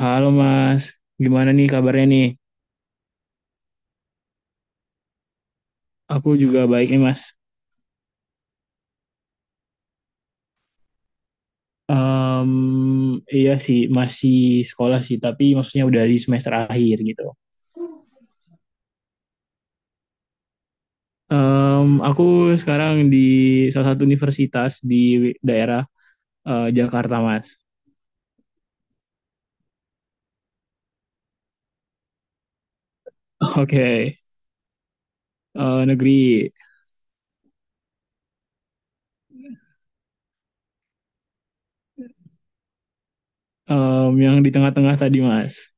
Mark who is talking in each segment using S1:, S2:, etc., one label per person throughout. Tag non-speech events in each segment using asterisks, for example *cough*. S1: Halo Mas, gimana nih kabarnya nih? Aku juga baik nih Mas. Em, iya sih, masih sekolah sih, tapi maksudnya udah di semester akhir gitu. Aku sekarang di salah satu universitas di daerah Jakarta Mas. *laughs* Oke, negeri, yang di tengah-tengah tadi Mas.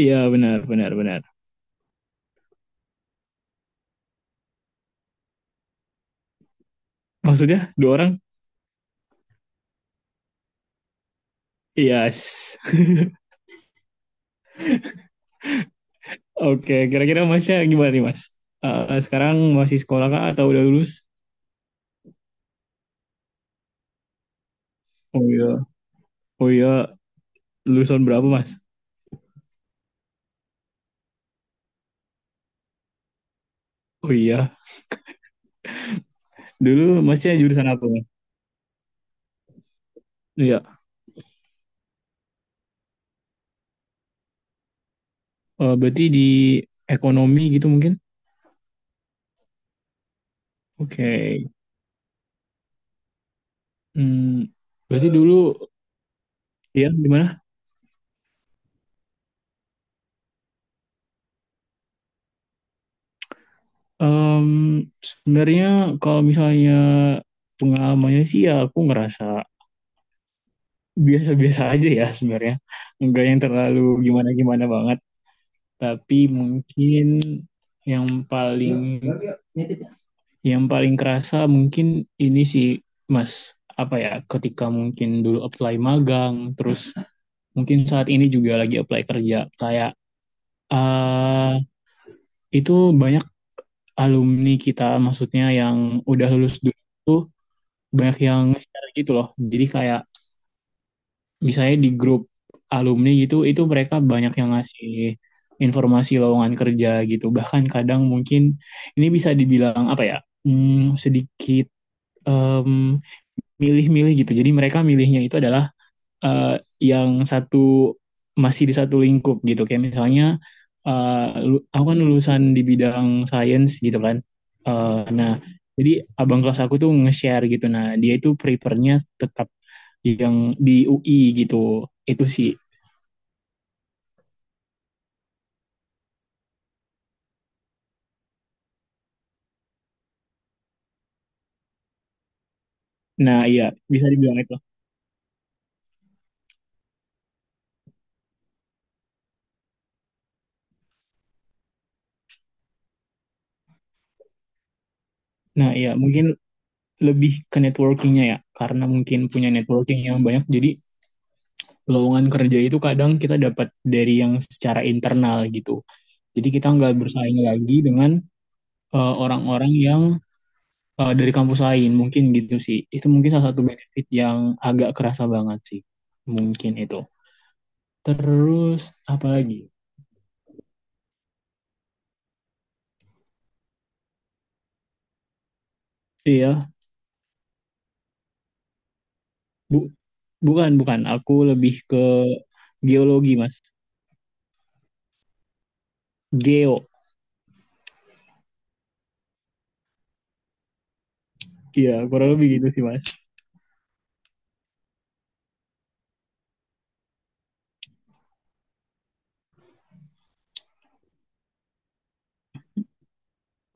S1: Iya, benar, benar, benar. Maksudnya dua orang? Yes. *laughs* Oke, kira-kira Masnya gimana nih Mas? Sekarang masih sekolah kah atau udah lulus? Oh, iya. Oh, iya, lulusan berapa Mas? Oh, iya, dulu Masnya jurusan apa Mas? Iya, berarti di ekonomi gitu mungkin? Oke, Hmm, berarti dulu ya gimana? Em, sebenarnya kalau misalnya pengalamannya sih ya aku ngerasa biasa-biasa aja ya sebenarnya, nggak yang terlalu gimana-gimana banget. Tapi mungkin yang paling Yang paling kerasa mungkin ini sih Mas, apa ya, ketika mungkin dulu apply magang, terus *laughs* mungkin saat ini juga lagi apply kerja, kayak eh itu banyak alumni kita, maksudnya yang udah lulus dulu tuh banyak yang share gitu loh. Jadi kayak misalnya di grup alumni gitu, itu mereka banyak yang ngasih informasi lowongan kerja gitu. Bahkan kadang mungkin ini bisa dibilang apa ya, sedikit em milih-milih gitu. Jadi mereka milihnya itu adalah eh, yang satu masih di satu lingkup gitu. Kayak misalnya eh, aku kan lulusan di bidang sains gitu kan. Eh, nah, jadi abang kelas aku tuh nge-share gitu. Nah, dia itu prefernya tetap yang di UI gitu. Itu sih. Nah, iya, bisa dibilang itu. Nah, iya mungkin lebih ke networkingnya ya. Karena mungkin punya networking yang banyak. Jadi lowongan kerja itu kadang kita dapat dari yang secara internal gitu. Jadi kita nggak bersaing lagi dengan orang-orang yang dari kampus lain, mungkin gitu sih. Itu mungkin salah satu benefit yang agak kerasa banget sih, mungkin itu. Terus apa lagi? Iya, bu bukan, bukan. Aku lebih ke geologi Mas, geo. Iya, kurang lebih gitu sih Mas.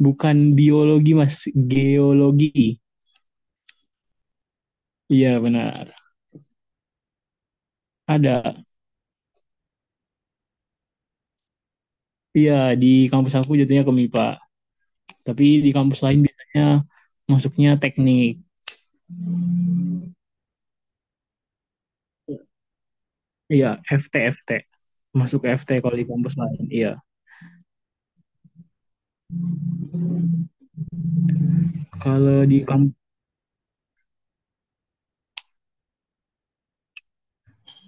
S1: Bukan biologi Mas, geologi. Iya, benar. Ada. Iya, di kampus aku jatuhnya ke MIPA, tapi di kampus lain biasanya masuknya teknik. Iya, FT, FT. Masuk ke FT kalau di kampus lain. Iya. Kalau di kamp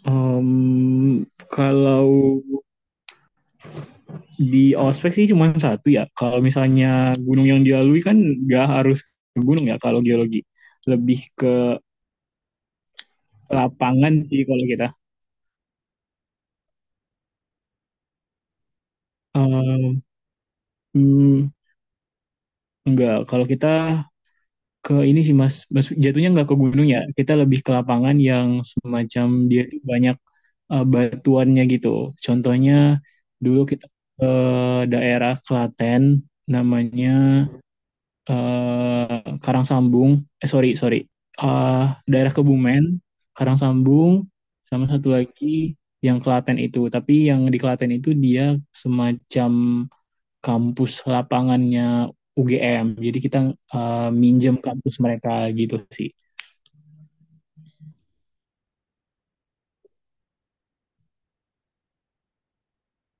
S1: em, kalau di ospek sih cuma satu ya. Kalau misalnya gunung yang dilalui kan nggak harus ke gunung ya kalau geologi. Lebih ke lapangan sih kalau kita. Em, hmm, nggak. Kalau kita ke ini sih Mas jatuhnya nggak ke gunung ya, kita lebih ke lapangan yang semacam dia tuh banyak batuannya gitu. Contohnya dulu kita ke daerah Klaten namanya eh, Karang eh sorry, sorry. Eh, daerah Kebumen, Karangsambung sama satu lagi yang Klaten itu. Tapi yang di Klaten itu dia semacam kampus lapangannya UGM. Jadi kita minjem kampus mereka gitu sih.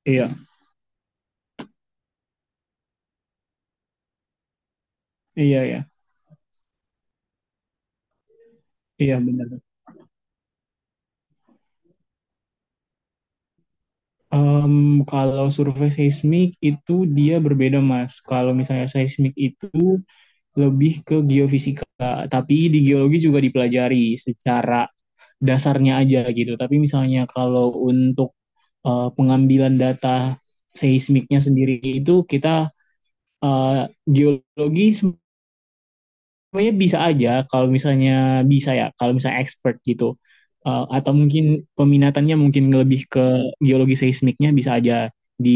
S1: Iya, iya, iya, iya, benar. Em, kalau survei seismik itu dia berbeda, Mas. Kalau misalnya seismik itu lebih ke geofisika, tapi di geologi juga dipelajari secara dasarnya aja gitu. Tapi misalnya kalau untuk pengambilan data seismiknya sendiri itu kita eh, geologi sebenarnya bisa aja kalau misalnya bisa ya kalau misalnya expert gitu. Atau mungkin peminatannya mungkin lebih ke geologi seismiknya bisa aja di,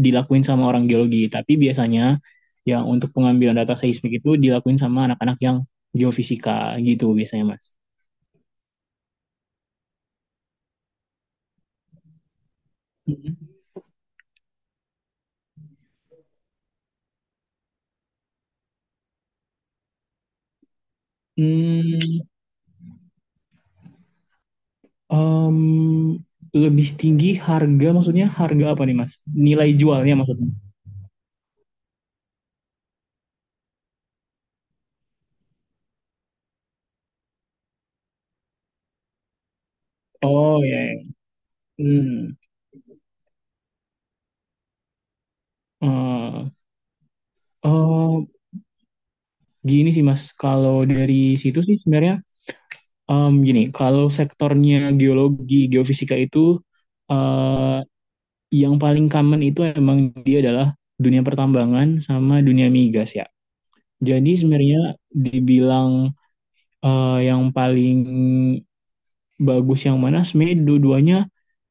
S1: dilakuin sama orang geologi tapi biasanya yang untuk pengambilan data seismik itu dilakuin sama anak-anak yang geofisika gitu biasanya Mas. Hmm, em, lebih tinggi harga maksudnya harga apa nih Mas? Nilai jualnya maksudnya? Oh, ya, ya. Hmm. Eh, Gini sih Mas, kalau dari situ sih sebenarnya gini, kalau sektornya geologi, geofisika itu eh, yang paling common itu emang dia adalah dunia pertambangan sama dunia migas ya. Jadi sebenarnya dibilang yang paling bagus yang mana sebenarnya dua-duanya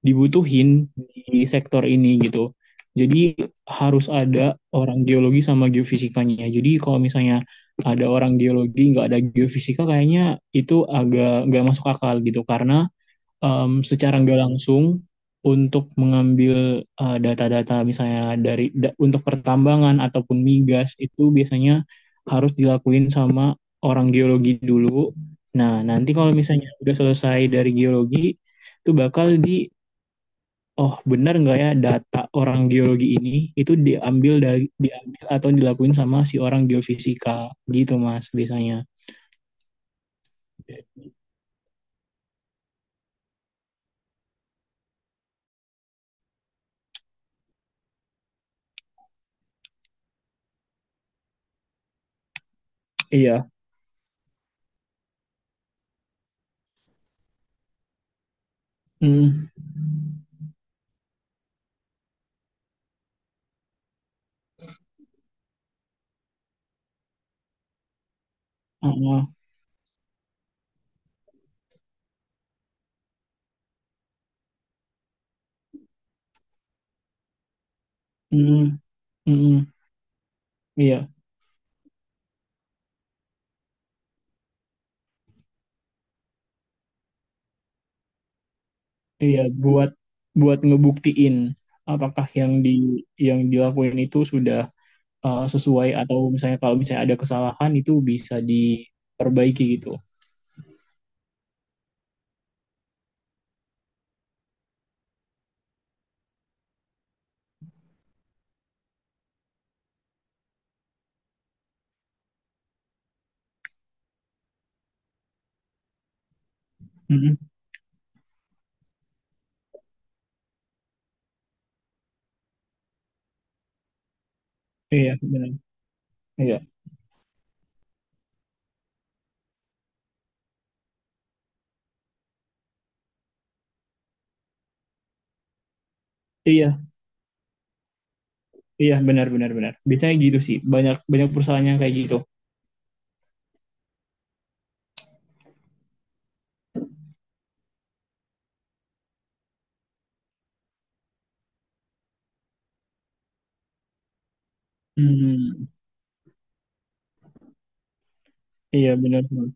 S1: dibutuhin di sektor ini gitu. Jadi harus ada orang geologi sama geofisikanya. Jadi kalau misalnya ada orang geologi nggak ada geofisika kayaknya itu agak nggak masuk akal gitu karena secara nggak langsung untuk mengambil data-data misalnya untuk pertambangan ataupun migas itu biasanya harus dilakuin sama orang geologi dulu. Nah, nanti kalau misalnya udah selesai dari geologi, itu bakal oh benar nggak ya data orang geologi ini itu diambil atau dilakuin sama si orang geofisika gitu Mas biasanya. Iya. Hmm. Ah, ah. Hmm. Hmm. Iya. Iya, buat buat ngebuktiin apakah yang dilakuin itu sudah sesuai atau misalnya kalau misalnya ada kesalahan itu bisa diperbaiki gitu. Mm-mm. Iya, benar. Iya. Iya, iya, benar, benar, benar. Biasanya gitu sih. Banyak banyak perusahaan yang kayak gitu. Hmm. Iya, benar, benar.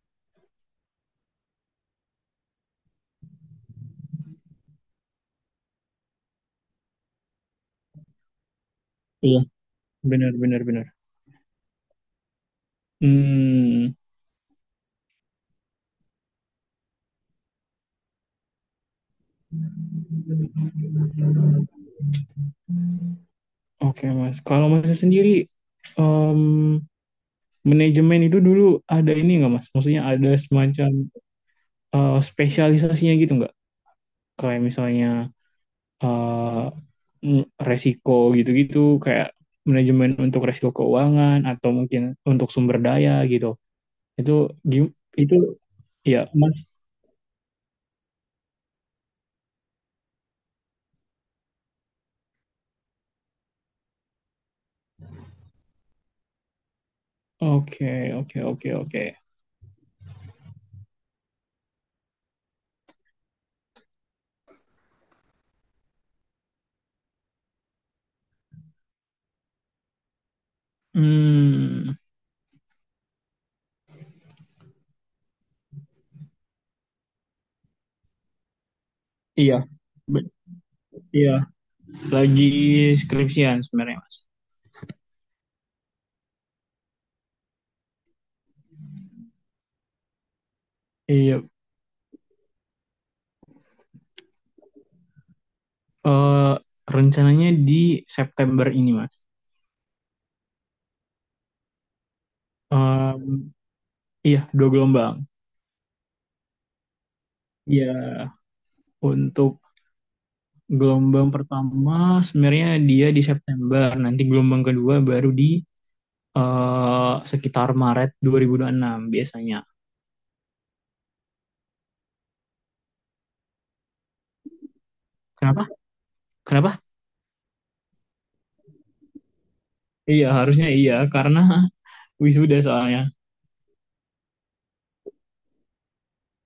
S1: Iya, benar, benar, benar. Hmm. Oke, Mas. Kalau Mas sendiri em, manajemen itu dulu ada ini nggak Mas? Maksudnya ada semacam spesialisasinya gitu nggak? Kayak misalnya eh, mm, resiko gitu-gitu, kayak manajemen untuk resiko keuangan atau mungkin untuk sumber daya gitu. Itu gim- itu ya Mas. Oke, oke, oke, oke. Hmm, iya, Be- iya lagi skripsian sebenarnya Mas. Iya, eh, rencananya di September ini Mas. Em, iya, dua gelombang. Iya, untuk gelombang pertama sebenarnya dia di September, nanti gelombang kedua baru di sekitar Maret 2026 biasanya. Kenapa? Kenapa? Iya, harusnya iya, karena *laughs* wisuda soalnya.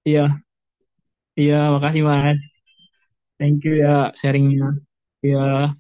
S1: Iya, iya, makasih Maret. Thank you ya sharingnya. Iya.